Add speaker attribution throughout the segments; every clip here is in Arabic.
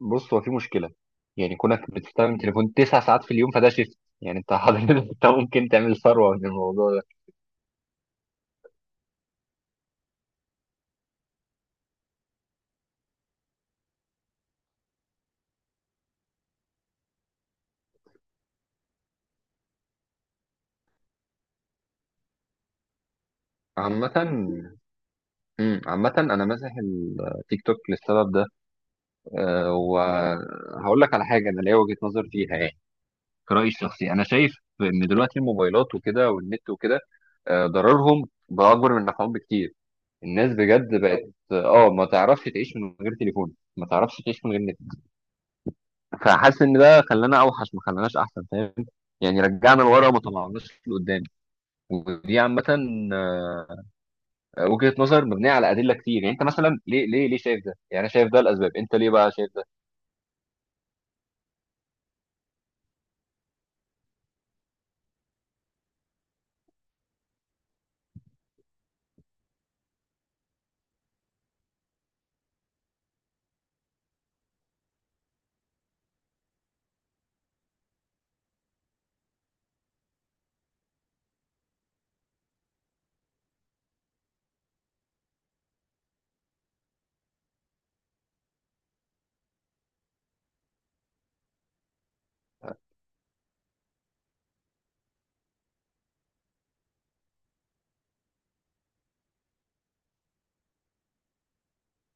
Speaker 1: بص، هو في مشكله. يعني كونك بتستخدم تليفون تسع ساعات في اليوم فده شيفت. يعني انت حضرتك انت ممكن تعمل ثروه من الموضوع ده. عامة، مم، عامة أنا ماسح التيك توك للسبب ده. أه، وهقول لك على حاجة أنا ليا وجهة نظر فيها. يعني كرأيي الشخصي أنا شايف إن دلوقتي الموبايلات وكده والنت وكده، ضررهم بقى أكبر من نفعهم بكتير. الناس بجد بقت، آه، ما تعرفش تعيش من غير تليفون، ما تعرفش تعيش من غير. فحاسس ان ده خلانا اوحش، ما خلاناش احسن، فاهم؟ يعني رجعنا لورا وما طلعناش لقدام. ودي عامه وجهه نظر مبنيه على ادله كتير. يعني انت مثلا ليه ليه شايف ده؟ يعني انا شايف ده الاسباب، انت ليه بقى شايف ده؟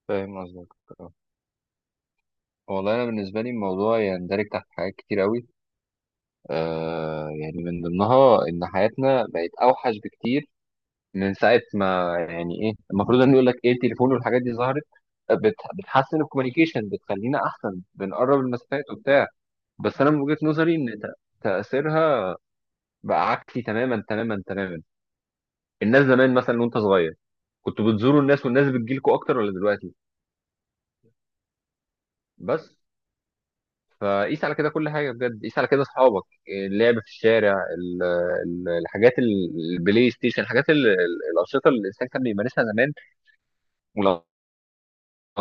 Speaker 1: فاهم قصدك. آه. والله انا بالنسبه لي الموضوع يندرج تحت حاجات كتير قوي. آه، يعني من ضمنها ان حياتنا بقت اوحش بكتير من ساعه ما، يعني ايه، المفروض ان يقول لك ايه، التليفون والحاجات دي ظهرت، بتحسن الكوميونيكيشن، بتخلينا احسن، بنقرب المسافات وبتاع. بس انا من وجهة نظري ان تأثيرها بقى عكسي تماما تماما تماما. الناس زمان، مثلا وانت صغير، كنتوا بتزوروا الناس والناس بتجيلكوا اكتر ولا دلوقتي؟ بس فقيس على كده كل حاجة، بجد قيس على كده، اصحابك، اللعب في الشارع، ال- الحاجات البلاي ستيشن، الحاجات الأنشطة اللي الإنسان كان بيمارسها زمان. والأنشطة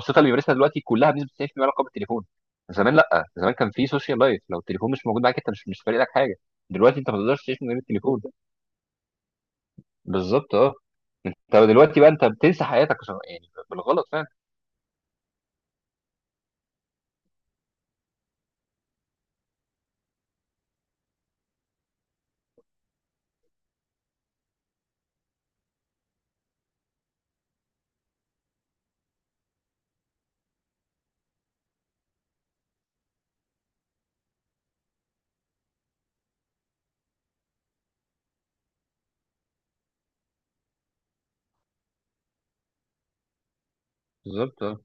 Speaker 1: اللي بيمارسها دلوقتي كلها بنسبة 90% علاقة بالتليفون. زمان لا، زمان كان في سوشيال لايف، لو التليفون مش موجود معاك انت مش فارق لك حاجة. دلوقتي انت ما تقدرش تعيش من غير التليفون. بالظبط، اه. انت دلوقتي بقى انت بتنسى حياتك عشان- يعني بالغلط فعلا. بالظبط اه.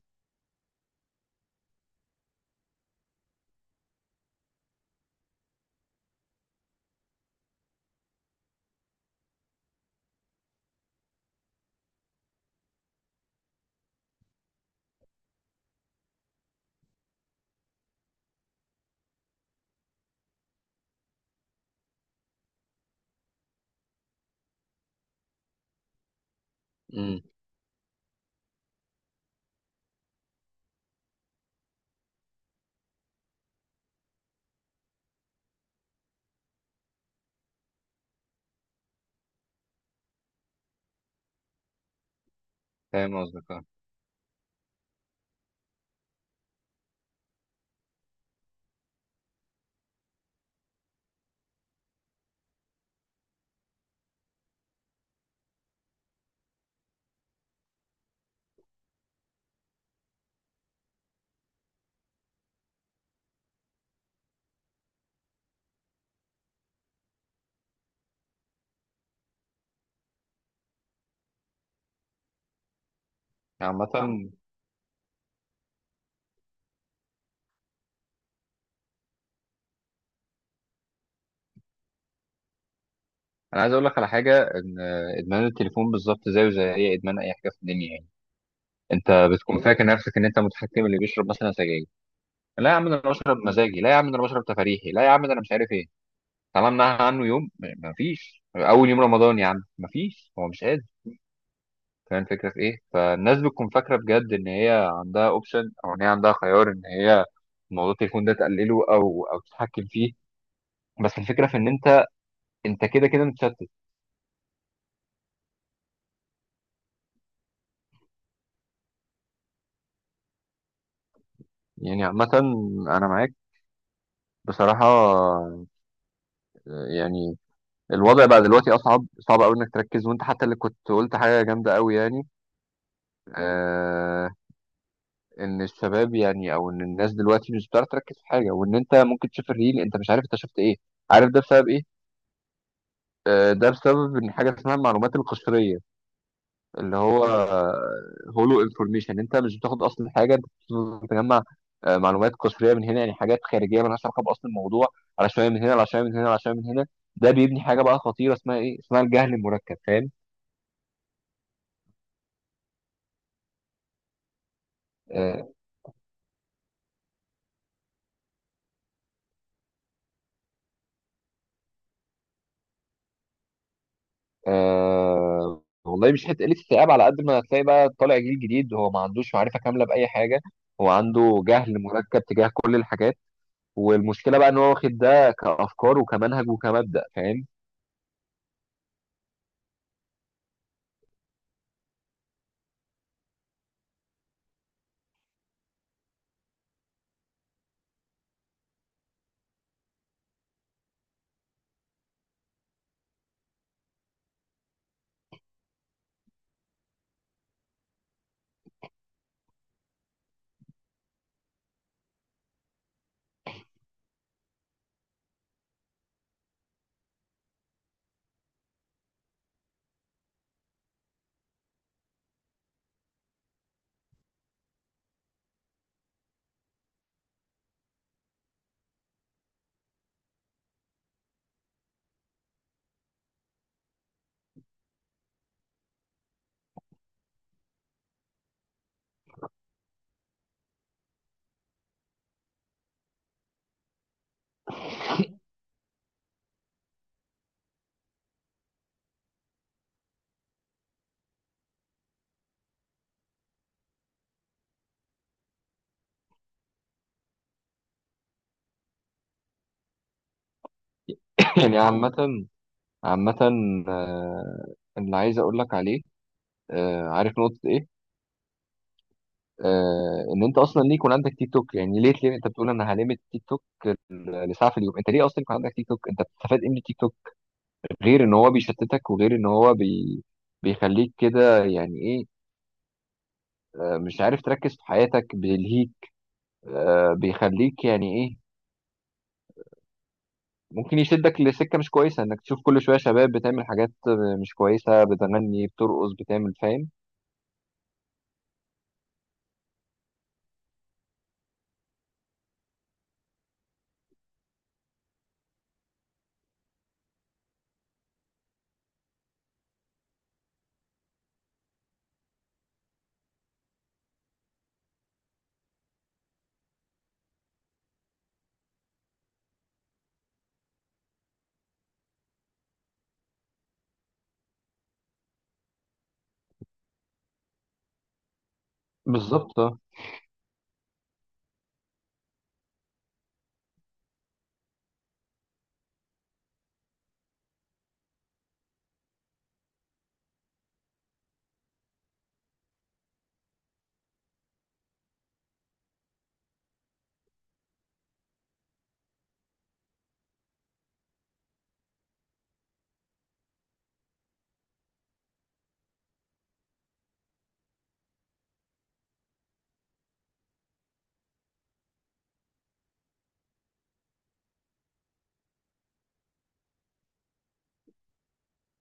Speaker 1: امم. فاهم قصدك اه. عامة، انا عايز اقول لك على حاجة، ان ادمان التليفون بالظبط زيه زي اي ادمان، اي حاجة في الدنيا. يعني انت بتكون فاكر نفسك ان انت متحكم، اللي بيشرب مثلا سجاير: لا يا عم ده انا بشرب مزاجي، لا يا عم ده انا بشرب تفريحي، لا يا عم ده انا مش عارف ايه. طالما منعها عنه يوم، مفيش، اول يوم رمضان يا عم مفيش، هو مش قادر. فاهم الفكرة في ايه؟ فالناس بتكون فاكرة بجد ان هي عندها اوبشن، او ان هي عندها خيار ان هي موضوع التليفون ده تقلله او تتحكم فيه. بس الفكرة في ان انت كده كده متشتت. يعني عامة، انا معاك بصراحة. يعني الوضع بقى دلوقتي اصعب، صعب قوي انك تركز، وانت حتى اللي كنت قلت حاجة جامدة قوي. يعني آه، ان الشباب، يعني او ان الناس دلوقتي مش بتعرف تركز في حاجة، وان انت ممكن تشوف الريل انت مش عارف انت شفت ايه. عارف ده بسبب ايه؟ آه، ده بسبب ان حاجه اسمها المعلومات القشريه، اللي هو هولو انفورميشن. انت مش بتاخد اصلا حاجه، انت بتجمع، آه، معلومات قصريه من هنا، يعني حاجات خارجيه مالهاش علاقه باصل الموضوع، على شويه من هنا، على شويه من هنا، على شويه من هنا. ده بيبني حاجه بقى خطيره اسمها ايه، اسمها الجهل المركب، فاهم؟ آه. آه والله، مش حته قله استيعاب، على قد ما هتلاقي بقى طالع جيل جديد هو ما عندوش معرفه كامله باي حاجه. هو عنده جهل مركب تجاه كل الحاجات. والمشكله بقى ان هو واخد ده كافكار وكمنهج وكمبدأ، فاهم؟ يعني عامه، عامة، آه، اللي عايز أقول لك عليه، آه، عارف نقطة إيه؟ آه، إن أنت أصلا ليه يكون عندك تيك توك؟ يعني ليه أنت بتقول أنا هلمت تيك توك لساعة في اليوم؟ أنت ليه أصلا يكون عندك تيك توك؟ أنت بتستفاد إيه من التيك توك؟ غير إن هو بيشتتك، وغير إن هو بي... بيخليك كده يعني إيه، آه، مش عارف تركز في حياتك، بيلهيك، آه، بيخليك يعني إيه، ممكن يشدك لسكة مش كويسة، إنك تشوف كل شوية شباب بتعمل حاجات مش كويسة، بتغني بترقص بتعمل، فاهم؟ بالظبط.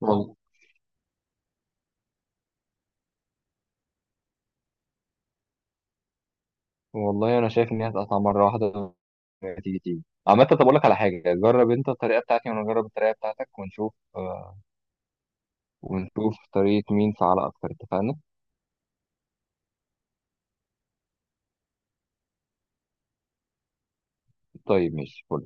Speaker 1: آه. والله انا شايف ان هي هتقطع مره واحده، تيجي تيجي. عامة طب اقول لك على حاجة، جرب انت الطريقة بتاعتي وانا اجرب الطريقة بتاعتك ونشوف، آه، ونشوف طريقة مين فعالة اكتر، اتفقنا؟ طيب ماشي، فل.